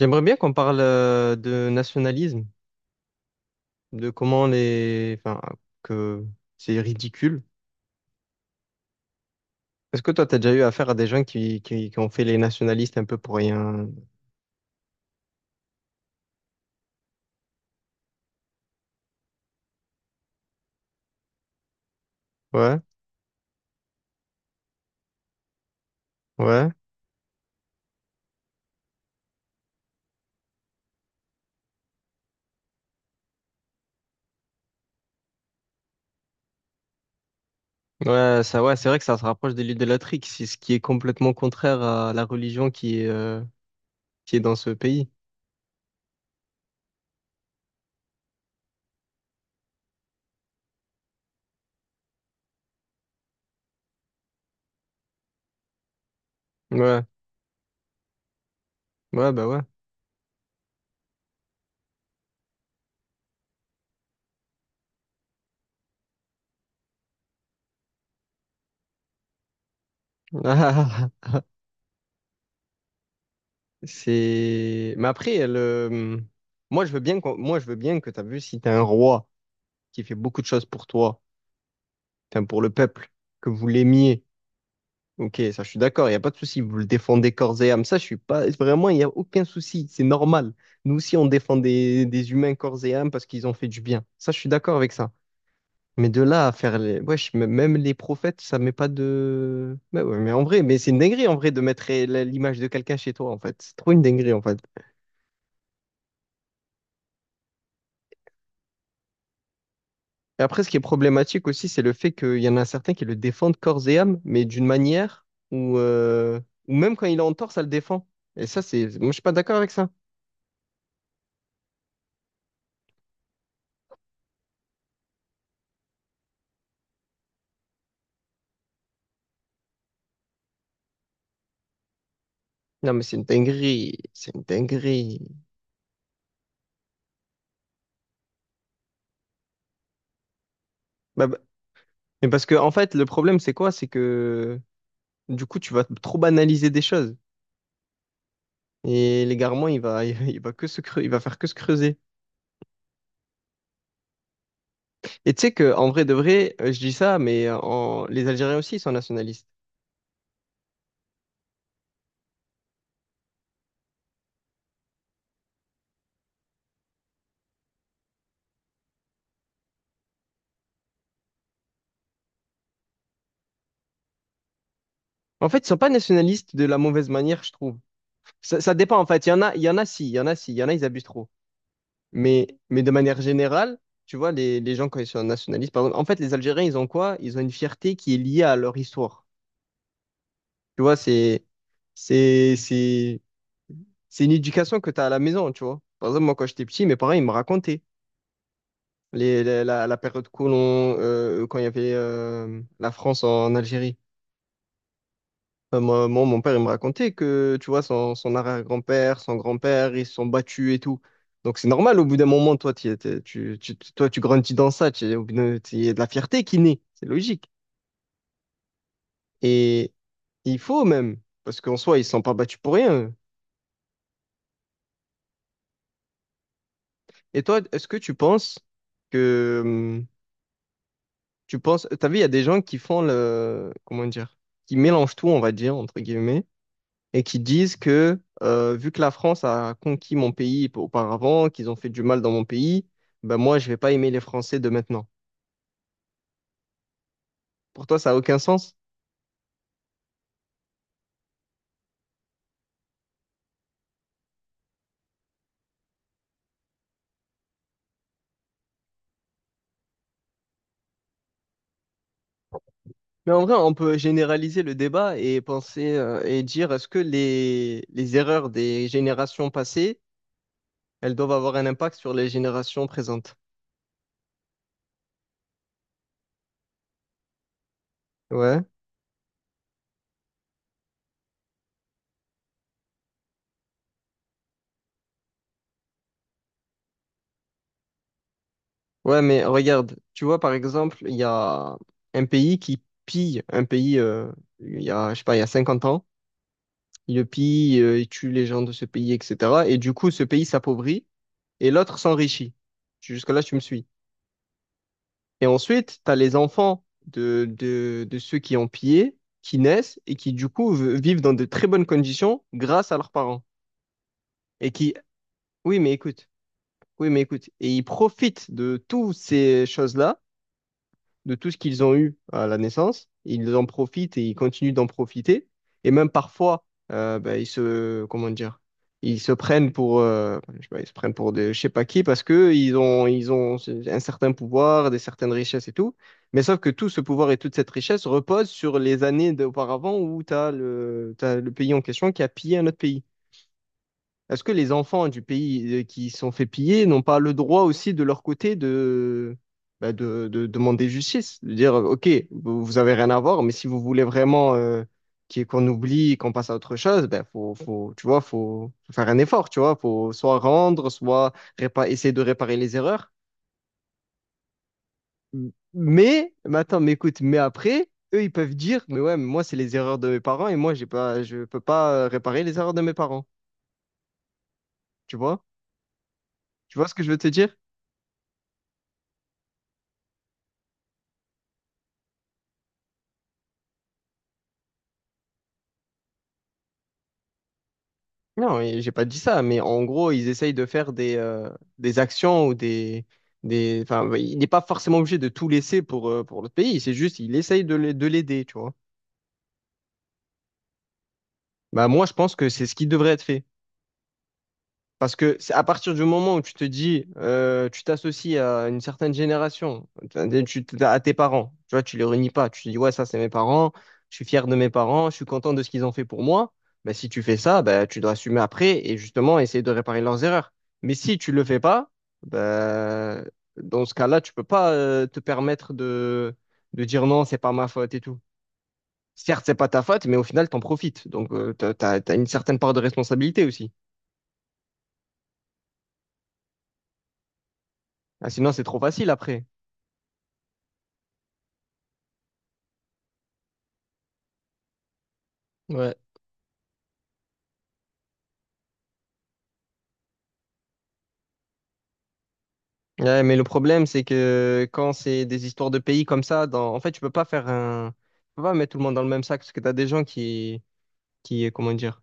J'aimerais bien qu'on parle de nationalisme, de comment les... Enfin, que c'est ridicule. Est-ce que toi, t'as déjà eu affaire à des gens qui ont fait les nationalistes un peu pour rien? Ouais, ouais, ouais, ça, ouais, c'est vrai que ça se rapproche de l'idolâtrie, qui- c'est ce qui est complètement contraire à la religion qui est dans ce pays. Ouais, ouais, bah ouais. C'est... Mais après, le... Moi, je veux bien qu'on- moi, je veux bien que t'as vu si t'as un roi qui fait beaucoup de choses pour toi enfin, pour le peuple, que vous l'aimiez. Ok, ça, je suis d'accord, il n'y a pas de souci. Vous le défendez corps et âme. Ça, je suis pas. Vraiment, il n'y a aucun souci. C'est normal. Nous aussi, on défend des humains corps et âme parce qu'ils ont fait du bien. Ça, je suis d'accord avec ça. Mais de là à faire les. Wesh, m- même les prophètes, ça met pas de. Mais, ouais, mais en vrai, mais c'est une dinguerie en vrai de mettre la- l'image de quelqu'un chez toi, en fait. C'est trop une dinguerie, en fait. Et après, ce qui est problématique aussi, c'est le fait qu'il y en a certains qui le défendent corps et âme, mais d'une manière où, où même quand il est en tort, ça le défend. Et ça, c'est, moi, je suis pas d'accord avec ça. Non, mais c'est une dinguerie, c'est une dinguerie. Bah, bah, mais parce que, en fait, le problème, c'est quoi? C'est que, du coup, tu vas trop banaliser des choses. Et l'égarement, il va, il va que se creu- il va faire que se creuser. Et tu sais que, en vrai de vrai, je dis ça, mais en, les Algériens aussi, ils sont nationalistes. En fait, ils sont pas nationalistes de la mauvaise manière, je trouve. Ça dépend, en fait. Il y en a, il y en a si, il y en a si, il y en a, ils abusent trop. Mais de manière générale, tu vois, les gens, quand ils sont nationalistes, par exemple, en fait, les Algériens, ils ont quoi? Ils ont une fierté qui est liée à leur histoire. Tu vois, c'est, c'est, c'est une éducation que tu as à la maison, tu vois. Par exemple, moi, quand j'étais petit, mes parents, ils me racontaient les, la- la période colon, quand il y avait la France en Algérie. Moi, mon père, il me racontait que, tu vois, son, son arrière-grand-père, son grand-père, ils se sont battus et tout. Donc, c'est normal, au bout d'un moment, toi, t'y étais- tu- toi, tu grandis dans ça, tu- au bout d'un- il y a de la fierté qui naît, c'est logique. Et il faut même, parce qu'en soi, ils ne se sont pas battus pour rien. Eux. Et toi, est-ce que, tu penses, t'as vu, il y a des gens qui font le, comment dire, qui mélangent tout, on va dire, entre guillemets, et qui disent que vu que la France a conquis mon pays auparavant, qu'ils ont fait du mal dans mon pays, ben moi je vais pas aimer les Français de maintenant. Pour toi, ça a aucun sens? Mais en vrai, on peut généraliser le débat et penser et dire est-ce que les erreurs des générations passées, elles doivent avoir un impact sur les générations présentes? Ouais. Ouais, mais regarde, tu vois, par exemple, il y a un pays qui pille un pays, il y a, je sais pas, il y a 50 ans, il le pille, il tue les gens de ce pays, etc. Et du coup, ce pays s'appauvrit et l'autre s'enrichit. Jusque-là, tu me suis. Et ensuite, tu as les enfants de ceux qui ont pillé, qui naissent et qui, du coup, v- vivent dans de très bonnes conditions grâce à leurs parents. Et qui, oui, mais écoute, oui, mais écoute. Et ils profitent de toutes ces choses-là de tout ce qu'ils ont eu à la naissance. Ils en profitent et ils continuent d'en profiter. Et même parfois, bah, ils se, comment dire, ils se prennent pour, je sais pas, ils se prennent pour des, je sais pas qui parce que ils ont un certain pouvoir, des certaines richesses et tout. Mais sauf que tout ce pouvoir et toute cette richesse repose sur les années d'auparavant où tu as le, t'as le pays en question qui a pillé un autre pays. Est-ce que les enfants du pays qui se sont fait piller n'ont pas le droit aussi de leur côté de, bah, de demander justice? De dire, OK, vous vous avez rien à voir, mais si vous voulez vraiment qu'il- qu'on oublie, qu'on passe à autre chose, ben faut, faut, tu vois, faut faire un effort, tu vois, faut soit rendre, soit répa- essayer de réparer les erreurs. Mais attends, mais écoute, mais après, eux, ils peuvent dire, mais ouais, mais moi, c'est les erreurs de mes parents et moi, j'ai pas, je peux pas réparer les erreurs de mes parents. Tu vois? Tu vois ce que je veux te dire? Non, et j'ai pas dit ça, mais en gros, ils essayent de faire des actions ou des, enfin, bah, il n'est pas forcément obligé de tout laisser pour l'autre pays. C'est juste, il essaye de l'a- de l'aider, tu vois. Bah, moi, je pense que c'est ce qui devrait être fait. Parce que c'est à partir du moment où tu te dis, tu t'associes à une certaine génération, tu- à tes parents, tu vois, tu les réunis pas, tu te dis, ouais, ça c'est mes parents, je suis fier de mes parents, je suis content de ce qu'ils ont fait pour moi. Bah, si tu fais ça, bah, tu dois assumer après et justement essayer de réparer leurs erreurs. Mais si tu le fais pas, bah, dans ce cas-là, tu peux pas te permettre de dire non, c'est pas ma faute et tout. Certes, c'est pas ta faute, mais au final, t'en profites. Donc, tu t'as, t'as une certaine part de responsabilité aussi. Ah, sinon, c'est trop facile après. Ouais. Ouais, mais le problème, c'est que quand c'est des histoires de pays comme ça, dans... en fait, tu peux pas faire un... Tu peux pas mettre tout le monde dans le même sac, parce que tu as des gens qui, comment dire,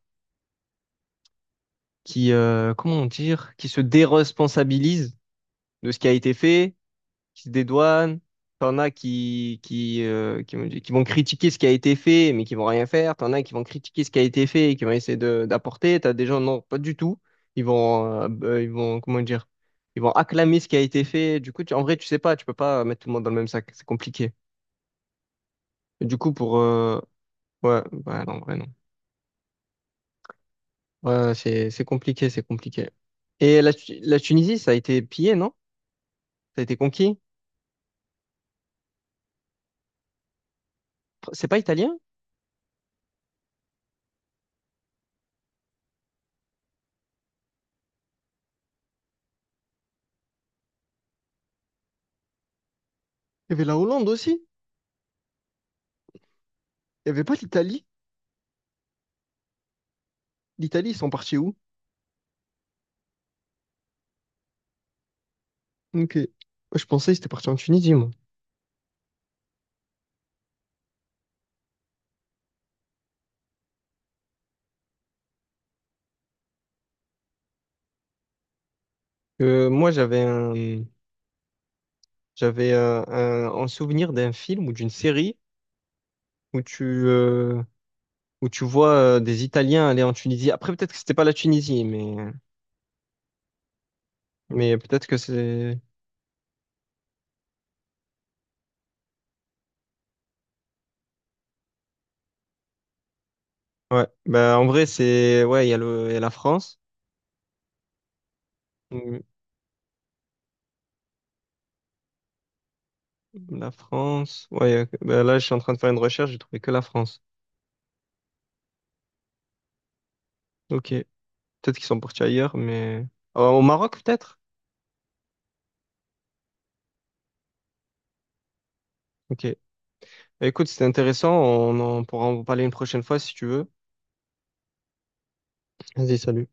qui, comment dire, qui se déresponsabilisent de ce qui a été fait qui se dédouanent, t'en as qui vont qui vont critiquer ce qui a été fait, mais qui vont rien faire, t'en as qui vont critiquer ce qui a été fait et qui vont essayer de- d'apporter, t'as des gens, non, pas du tout, ils vont, comment dire, ils vont acclamer ce qui a été fait, du coup, tu- en vrai, tu sais pas, tu peux pas mettre tout le monde dans le même sac, c'est compliqué. Et du coup, pour, ouais, bah non, en vrai, non. Ouais, ouais, c'est compliqué, c'est compliqué. Et la, Tu- la Tunisie, ça a été pillé, non? Ça a été conquis? C'est pas italien? Il y avait la Hollande aussi. Il y avait pas l'Italie. L'Italie, ils sont partis où? Ok. Moi, je pensais qu'ils étaient partis en Tunisie, moi. Euh, moi, j'avais un, j'avais un souvenir d'un film ou d'une série où tu, euh, où tu vois des Italiens aller en Tunisie. Après, peut-être que c'était pas la Tunisie, mais peut-être que c'est. Ouais. Bah, en vrai, c'est. Ouais, il y a le, il y a la France. La France. Ouais, ok. Ben là, je suis en train de faire une recherche, j'ai trouvé que la France. Ok. Peut-être qu'ils sont partis ailleurs, mais. Au Maroc, peut-être? Ok. Ben écoute, c'était intéressant. On en pourra en parler une prochaine fois si tu veux. Vas-y, salut.